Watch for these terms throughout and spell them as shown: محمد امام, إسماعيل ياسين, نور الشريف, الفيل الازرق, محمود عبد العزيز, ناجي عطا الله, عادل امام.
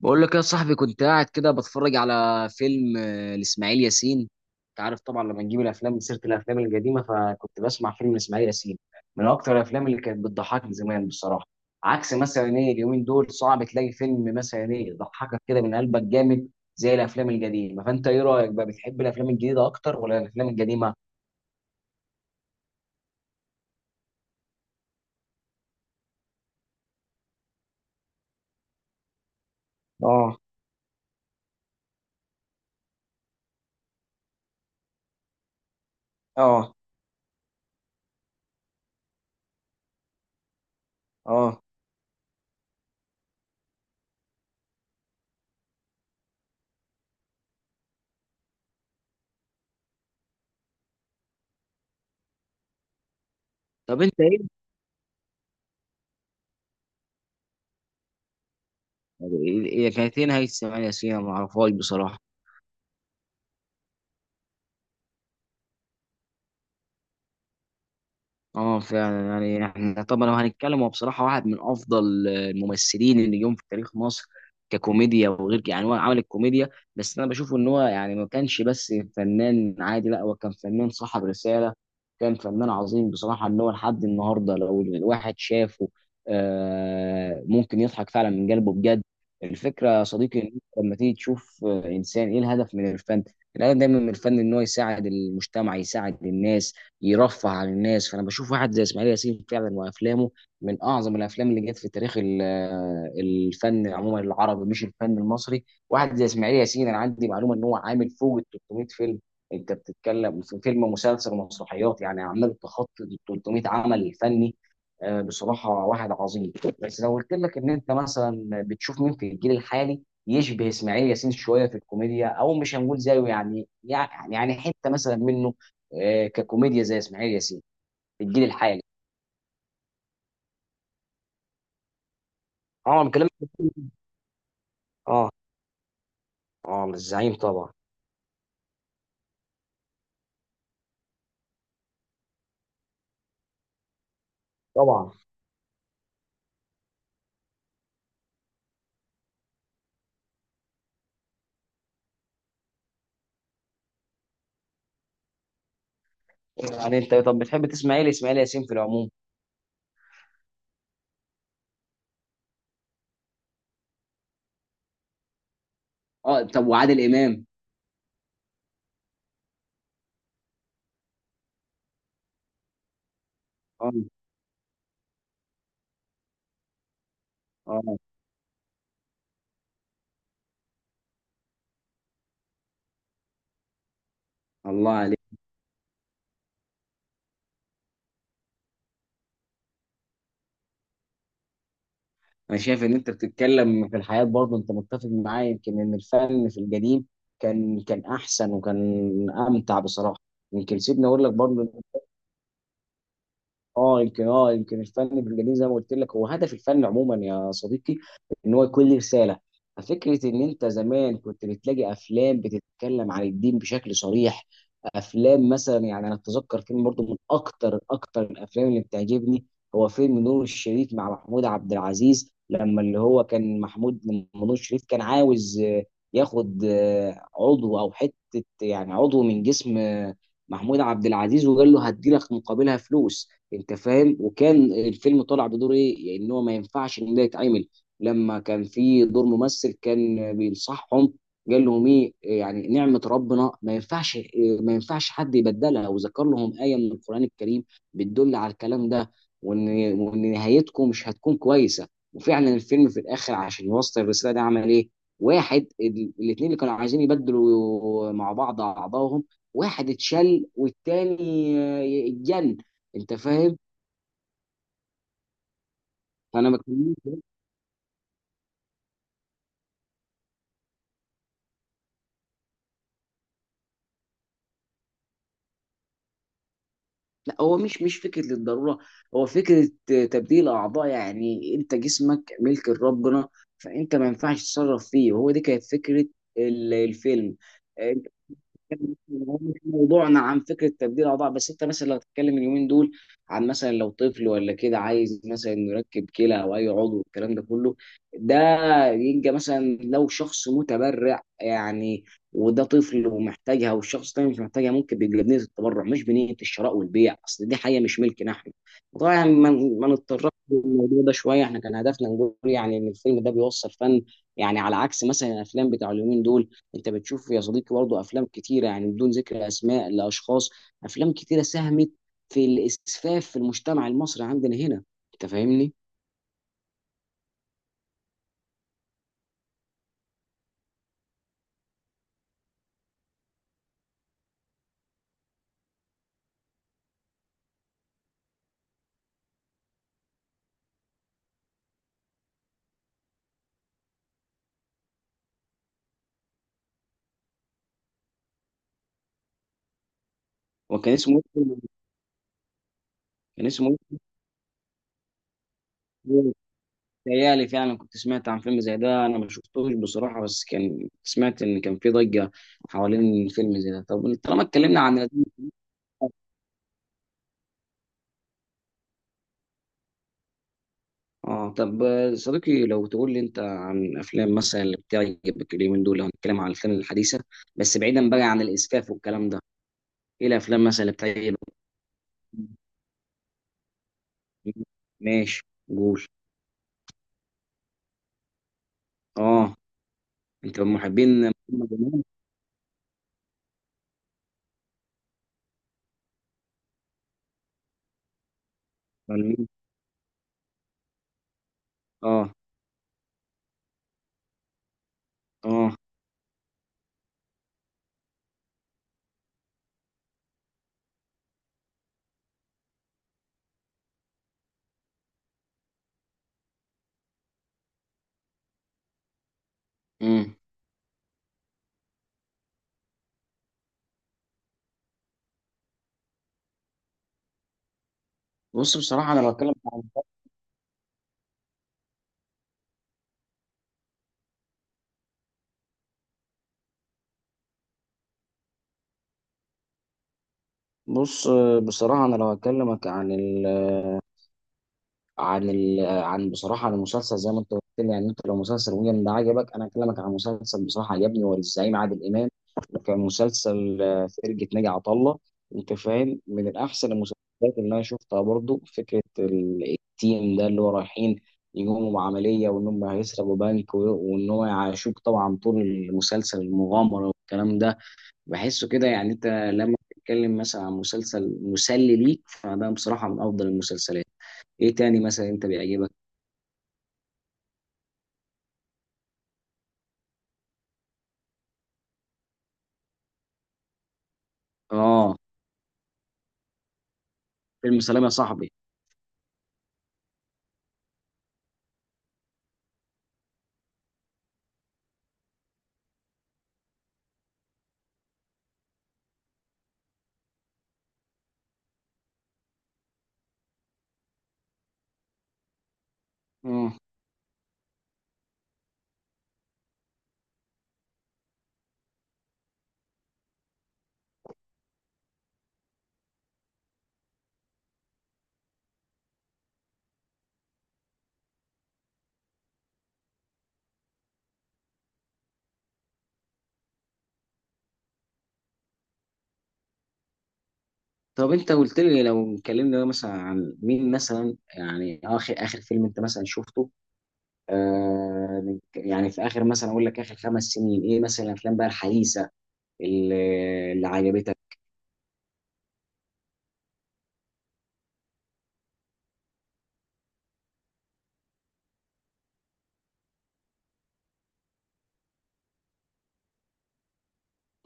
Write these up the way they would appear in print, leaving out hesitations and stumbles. بقول لك يا صاحبي، كنت قاعد كده بتفرج على فيلم لإسماعيل ياسين. انت عارف طبعا لما نجيب الافلام من سيره الافلام القديمه، فكنت بسمع فيلم لإسماعيل ياسين، من اكتر الافلام اللي كانت بتضحكني زمان بصراحه. عكس مثلا ايه اليومين دول، صعب تلاقي فيلم مثلا ايه يضحكك كده من قلبك جامد زي الافلام القديمه. فانت ايه رايك بقى، بتحب الافلام الجديده اكتر ولا الافلام القديمه؟ اه. اه. اه. طب انت ايه؟ هي كانت ايه نهايه إسماعيل ياسين؟ أنا ما اعرفهاش بصراحه. اه فعلا، يعني احنا طبعا لو هنتكلم، هو بصراحه واحد من افضل الممثلين اللي جم في تاريخ مصر ككوميديا، وغير كده يعني هو عمل الكوميديا. بس انا بشوف ان هو يعني ما كانش بس فنان عادي، لا هو كان فنان صاحب رساله، كان فنان عظيم بصراحه، ان هو لحد النهارده لو الواحد شافه ممكن يضحك فعلا من قلبه بجد. الفكره يا صديقي إن أنت لما تيجي تشوف انسان، ايه الهدف من الفن؟ الهدف دايما من الفن ان هو يساعد المجتمع، يساعد الناس، يرفه عن الناس. فانا بشوف واحد زي اسماعيل ياسين فعلا، وافلامه من اعظم الافلام اللي جت في تاريخ الفن عموما العربي، مش الفن المصري. واحد زي اسماعيل ياسين، انا عندي معلومه ان هو عامل فوق ال 300 فيلم. انت بتتكلم في فيلم، مسلسل، ومسرحيات، يعني عمال تخطي ال 300 عمل فني. بصراحه واحد عظيم. بس لو قلت لك ان انت مثلا بتشوف مين في الجيل الحالي يشبه اسماعيل ياسين شويه في الكوميديا، او مش هنقول زيه، يعني حته مثلا منه، ككوميديا زي اسماعيل ياسين، في الجيل الحالي. طبعا كلام. اه. اه الزعيم طبعا. طبعا. يعني انت طب بتحب تسمع ايه لاسماعيل ياسين في العموم؟ اه طب وعادل امام؟ اه. اه الله عليك. انا شايف ان انت بتتكلم في الحياه برضه، انت متفق معايا يمكن ان الفن في القديم كان احسن وكان امتع بصراحه. يمكن سيبني اقول لك برضه، اه يمكن يمكن الفن بالجميل زي ما قلت لك، هو هدف الفن عموما يا صديقي ان هو يكون ليه رساله. ففكره ان انت زمان كنت بتلاقي افلام بتتكلم عن الدين بشكل صريح، افلام مثلا يعني انا اتذكر فيلم برضه من اكتر الافلام اللي بتعجبني، هو فيلم نور الشريف مع محمود عبد العزيز، لما اللي هو كان محمود، لما نور الشريف كان عاوز ياخد عضو او حته يعني عضو من جسم محمود عبد العزيز، وقال له هدي لك مقابلها فلوس، انت فاهم. وكان الفيلم طالع بدور ايه، يعني ان هو ما ينفعش ان ده يتعمل. لما كان في دور ممثل كان بينصحهم، قال لهم ايه يعني نعمة ربنا، ما ينفعش، ما ينفعش حد يبدلها، وذكر لهم آية من القرآن الكريم بتدل على الكلام ده، وان نهايتكم مش هتكون كويسة. وفعلا الفيلم في الاخر عشان يوصل الرسالة ده عمل ايه، واحد الاتنين اللي كانوا عايزين يبدلوا مع بعض اعضائهم، واحد اتشل، والتاني اتجن، انت فاهم. انا ما بتكلمش. لا هو مش فكره للضروره، هو فكره تبديل اعضاء، يعني انت جسمك ملك لربنا، فانت ما ينفعش تتصرف فيه. وهو دي كانت فكره الفيلم. آه، هو مش موضوعنا عن فكره تبديل اعضاء، بس انت مثلا لو هتتكلم اليومين دول عن مثلا لو طفل ولا كده عايز مثلا انه يركب كلى او اي عضو، والكلام ده كله ده، يبقى مثلا لو شخص متبرع يعني، وده طفل ومحتاجها، والشخص التاني مش محتاجها، ممكن بيبقى بنيه التبرع مش بنيه الشراء والبيع، اصل دي حاجه مش ملكنا احنا طبعا. يعني ما نتطرقش للموضوع ده شويه، احنا كان هدفنا نقول يعني ان الفيلم ده بيوصل فن، يعني على عكس مثلا الافلام بتاع اليومين دول. انت بتشوف يا صديقي برضه افلام كتيره، يعني بدون ذكر اسماء لاشخاص، افلام كتيره ساهمت في الاسفاف في المجتمع المصري عندنا هنا، انت فاهمني. وكان اسمه. كان اسمه. تهيألي فعلا كنت سمعت عن فيلم زي ده، انا ما شفتوش بصراحه، بس كان سمعت ان كان في ضجه حوالين فيلم زي ده. طب طالما اتكلمنا عن. اه طب صديقي لو تقول لي انت عن افلام مثلا اللي بتعجبك اليومين دول، لو هنتكلم عن الافلام الحديثه، بس بعيدا بقى عن الاسفاف والكلام ده، ايه الافلام مثلا اللي بتعجبك؟ ماشي. قول. اه. انت من محبين محمد امام ولا مين؟ اه. اه. امم. بص بصراحه انا بتكلم عن. بص بصراحه انا لو هكلمك عن عن عن بصراحه عن المسلسل زي ما انت قلت لي، يعني انت لو مسلسل ويجن ده عجبك، انا اكلمك عن مسلسل بصراحه عجبني، هو للزعيم عادل امام، وكان مسلسل فرقه ناجي عطا الله، انت فاهم، من الاحسن المسلسلات اللي انا شفتها برضو. فكره التيم ده اللي هو رايحين يقوموا بعمليه، وان هم هيسرقوا بنك، وان هو يعيشوك طبعا طول المسلسل المغامره والكلام ده، بحسه كده. يعني انت لما تتكلم مثلا عن مسلسل مسلي ليك، فده بصراحه من افضل المسلسلات. ايه تاني مثلا انت بيعجبك؟ اه. فيلم سلام يا صاحبي. اه طب انت قلت لي لو اتكلمنا مثلا عن مين، مثلا يعني اخر فيلم انت مثلا شفته، يعني في اخر مثلا اقول لك اخر 5 سنين، ايه مثلا الافلام بقى الحديثه اللي, اللي عجبتك؟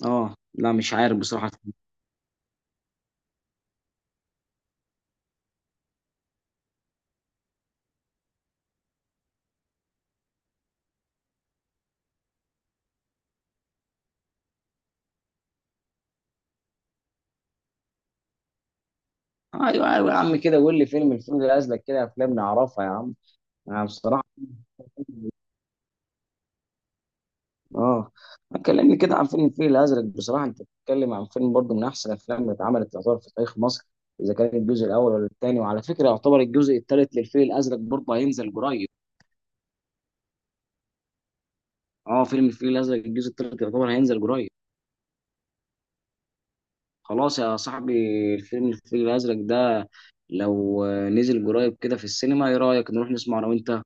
اه لا مش عارف بصراحه. ايوه ايوه يا عم كده، قول لي الفيلم ده ازلك كده، افلام نعرفها يا عم. انا بصراحه. اه. كلمني كده عن فيلم الفيل الازرق، بصراحه انت بتتكلم عن فيلم برضه من احسن الافلام اللي اتعملت، يعتبر في تاريخ مصر، اذا كان الجزء الاول ولا الثاني. وعلى فكره يعتبر الجزء الثالث للفيل الازرق برضه هينزل قريب. اه فيلم الفيل الازرق الجزء الثالث يعتبر هينزل قريب. خلاص يا صاحبي، الفيل الازرق ده لو نزل قريب كده في السينما، ايه رايك نروح نسمع انا وانت؟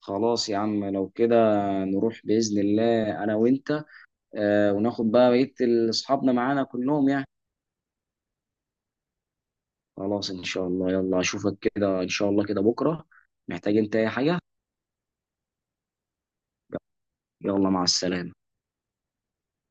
خلاص يا عم، لو كده نروح باذن الله انا وانت، وناخد بقى بقيه اصحابنا معانا كلهم يعني. خلاص ان شاء الله. يلا اشوفك كده ان شاء الله كده بكره. محتاج انت اي حاجه؟ يلا مع السلامه.